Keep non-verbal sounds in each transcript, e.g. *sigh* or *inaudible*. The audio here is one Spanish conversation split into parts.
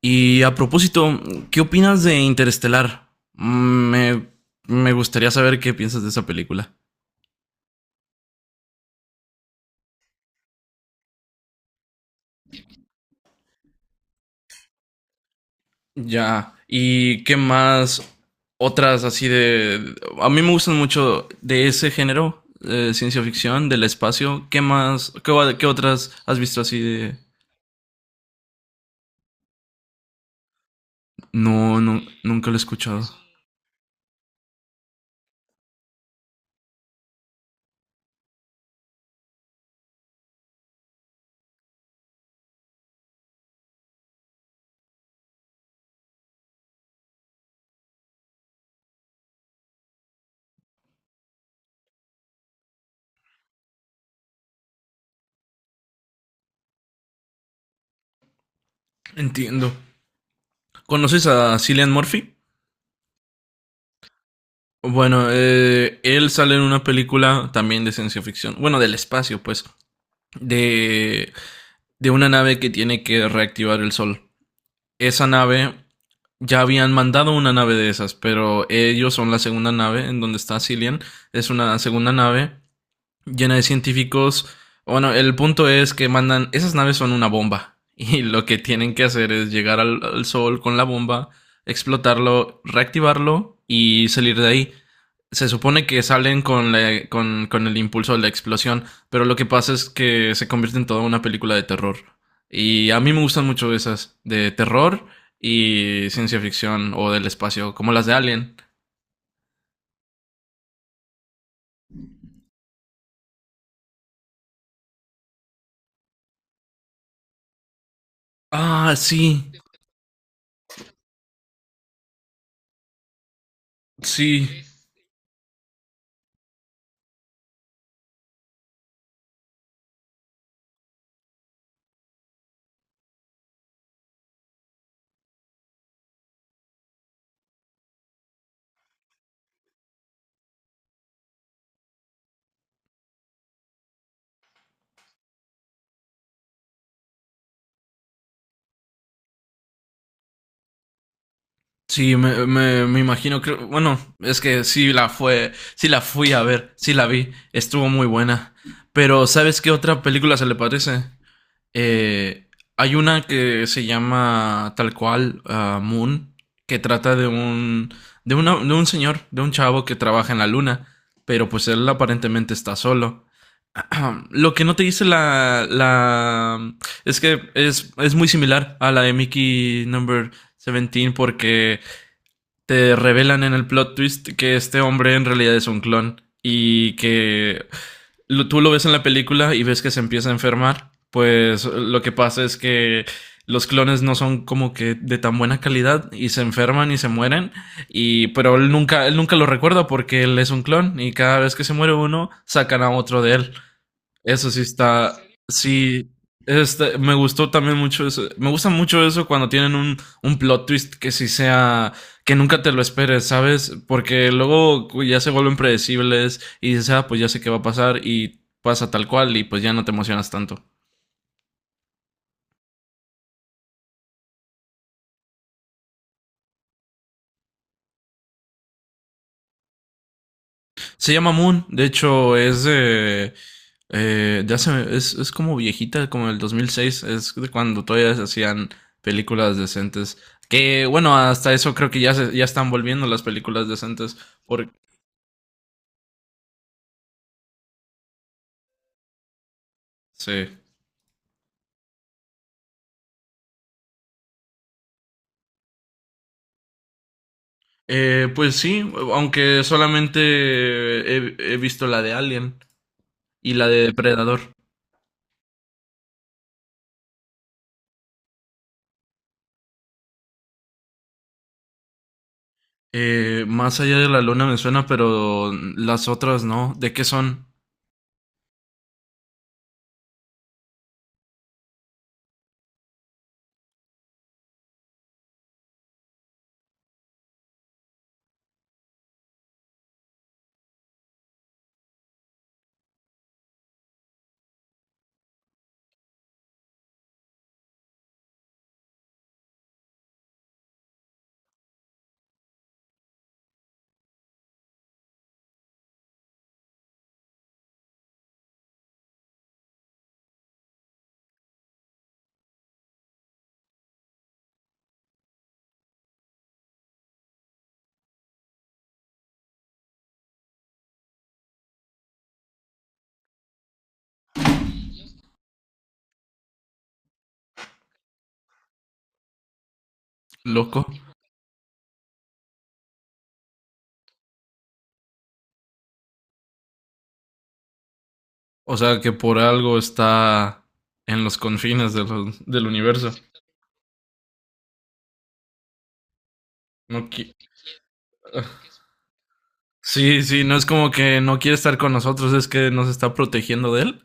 Y a propósito, ¿qué opinas de Interestelar? Me gustaría saber qué piensas de esa película. Ya. ¿Y qué más? Otras así de... A mí me gustan mucho de ese género, de ciencia ficción, del espacio. ¿Qué más? ¿ Qué otras has visto así de...? No, no, nunca lo he escuchado. Entiendo. ¿Conoces a Cillian Murphy? Bueno, él sale en una película también de ciencia ficción. Bueno, del espacio, pues. De de una nave que tiene que reactivar el sol. Esa nave ya habían mandado una nave de esas, pero ellos son la segunda nave en donde está Cillian. Es una segunda nave llena de científicos. Bueno, el punto es que mandan, esas naves son una bomba *laughs* y lo que tienen que hacer es llegar al sol con la bomba, explotarlo, reactivarlo y salir de ahí. Se supone que salen con el impulso de la explosión, pero lo que pasa es que se convierte en toda una película de terror. Y a mí me gustan mucho esas, de terror y ciencia ficción o del espacio, como las de Alien. Ah, sí, sí. Sí, me imagino, que, bueno, es que sí la fui a ver, sí la vi, estuvo muy buena. Pero ¿sabes qué otra película se le parece? Eh, Hay una que se llama tal cual ah, Moon, que trata de de un señor, de un chavo que trabaja en la luna, pero pues él aparentemente está solo. *clears throat* Lo que no te dice la es que es muy similar a la de Mickey Number 17 porque te revelan en el plot twist que este hombre en realidad es un clon y que tú lo ves en la película y ves que se empieza a enfermar, pues lo que pasa es que los clones no son como que de tan buena calidad y se enferman y se mueren y pero él nunca lo recuerda porque él es un clon y cada vez que se muere uno sacan a otro de él. Eso sí está, sí, este, me gustó también mucho eso. Me gusta mucho eso cuando tienen un plot twist que sí sea, que nunca te lo esperes, ¿sabes? Porque ya se vuelven predecibles y dices, ah, pues ya sé qué va a pasar y pasa tal cual y pues ya no te emocionas tanto. Se llama Moon, de hecho es de... Es como viejita, como el 2006, es de cuando todavía se hacían películas decentes. Que bueno, hasta eso creo que ya, ya están volviendo las películas decentes. Porque, sí. Pues sí, aunque solamente he visto la de Alien y la de Depredador. Más allá de la luna me suena, pero las otras no. ¿De qué son? ¿Loco? O sea, que por algo está en los confines del universo. No qui- sí, sí, no es como que no quiere estar con nosotros, es que nos está protegiendo de él.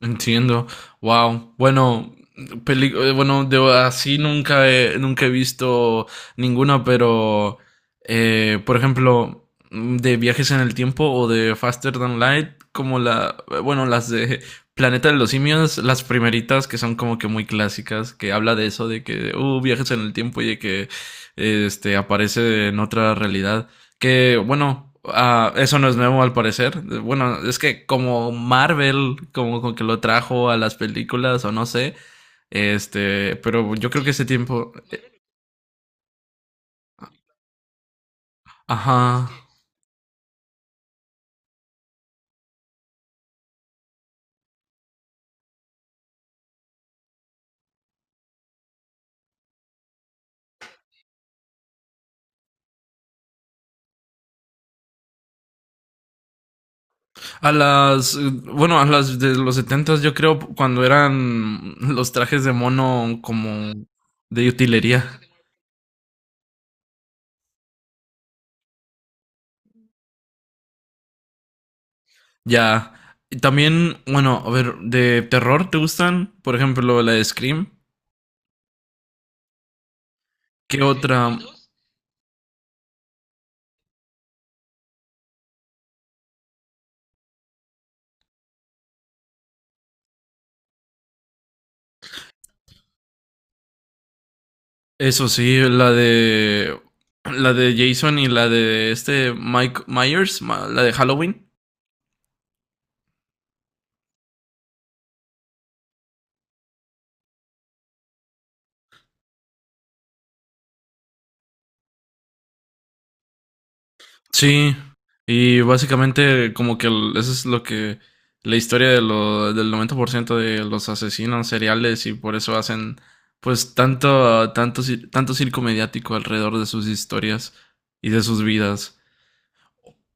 Entiendo. Wow. Bueno, de así nunca he visto ninguna, pero por ejemplo, de Viajes en el Tiempo o de Faster Than Light, como las de Planeta de los Simios, las primeritas que son como que muy clásicas, que habla de eso, de que, viajes en el tiempo y de que este aparece en otra realidad. Que bueno, ah, eso no es nuevo al parecer. Bueno, es que como Marvel, como que lo trajo a las películas o no sé. Este, pero yo creo que ese tiempo, ajá, a las, bueno, a las de los setentas, yo creo cuando eran los trajes de mono como de utilería, ya. Y también, bueno, a ver, de terror, ¿te gustan? Por ejemplo, la de Scream. ¿Qué otra? Eso sí, la de. La de Jason y la de este Mike Myers, la de Halloween. Sí. Y básicamente, eso es lo que. La historia del 90% de los asesinos seriales y por eso hacen. Pues tanto circo mediático alrededor de sus historias y de sus vidas.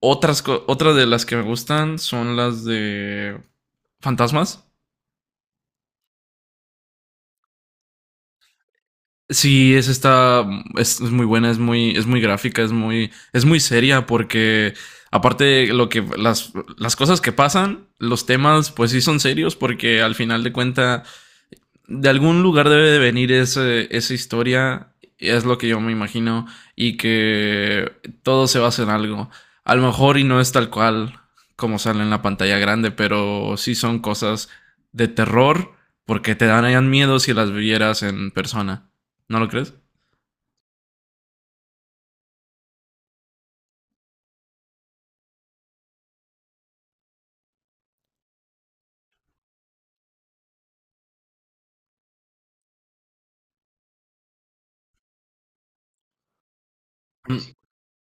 Otras, otras de las que me gustan son las de fantasmas. Sí, es esta, es muy buena, es muy gráfica, es muy seria porque aparte de las cosas que pasan, los temas pues sí son serios porque al final de cuenta de algún lugar debe de venir esa historia, es lo que yo me imagino, y que todo se basa en algo. A lo mejor y no es tal cual como sale en la pantalla grande, pero sí son cosas de terror porque te darían miedo si las vieras en persona. ¿No lo crees?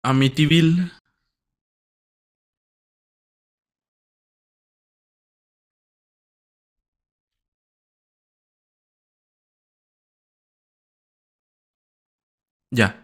Amityville, ya.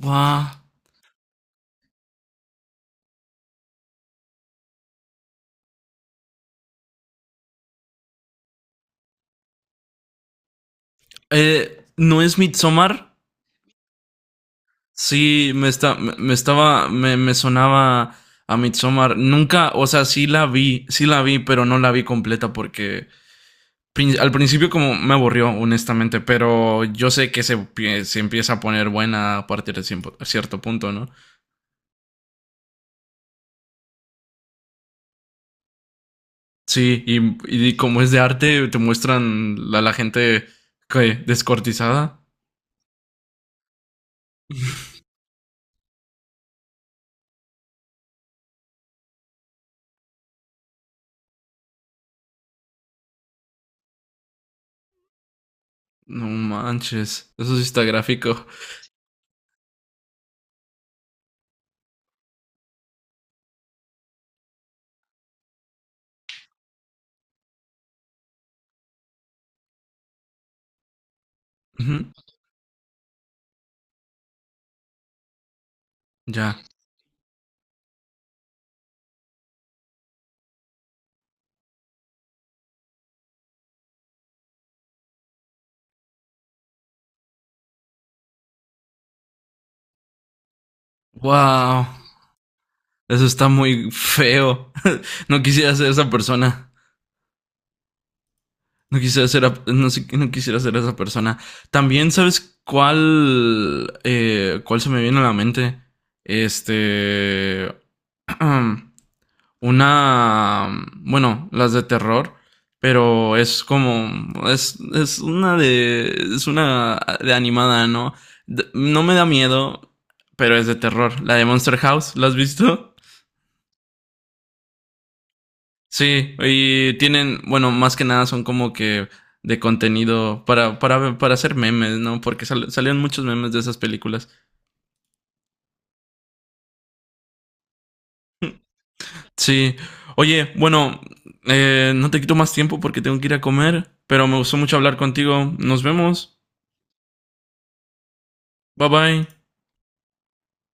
Buah. No es Midsommar. Sí, me está, me me estaba, me sonaba a Midsommar. Nunca, o sea, sí la vi, pero no la vi completa porque al principio como me aburrió, honestamente, pero yo sé que se empieza a poner buena a partir de cierto punto, ¿no? Sí, y como es de arte, te muestran a la gente que descortizada. No manches, eso sí está gráfico. Ujú. Ya. Wow. Eso está muy feo. *laughs* No quisiera ser esa persona. No quisiera ser, no quisiera ser esa persona. También, ¿sabes cuál se me viene a la mente? Este, *clears throat* una, bueno, las de terror, pero es es, es una de, es una de animada, ¿no? No me da miedo, pero es de terror. La de Monster House, ¿la has visto? Sí, y tienen, bueno, más que nada son como que de contenido para hacer memes, ¿no? Porque salieron muchos memes de esas películas. Sí. Oye, bueno, no te quito más tiempo porque tengo que ir a comer, pero me gustó mucho hablar contigo. Nos vemos. Bye bye.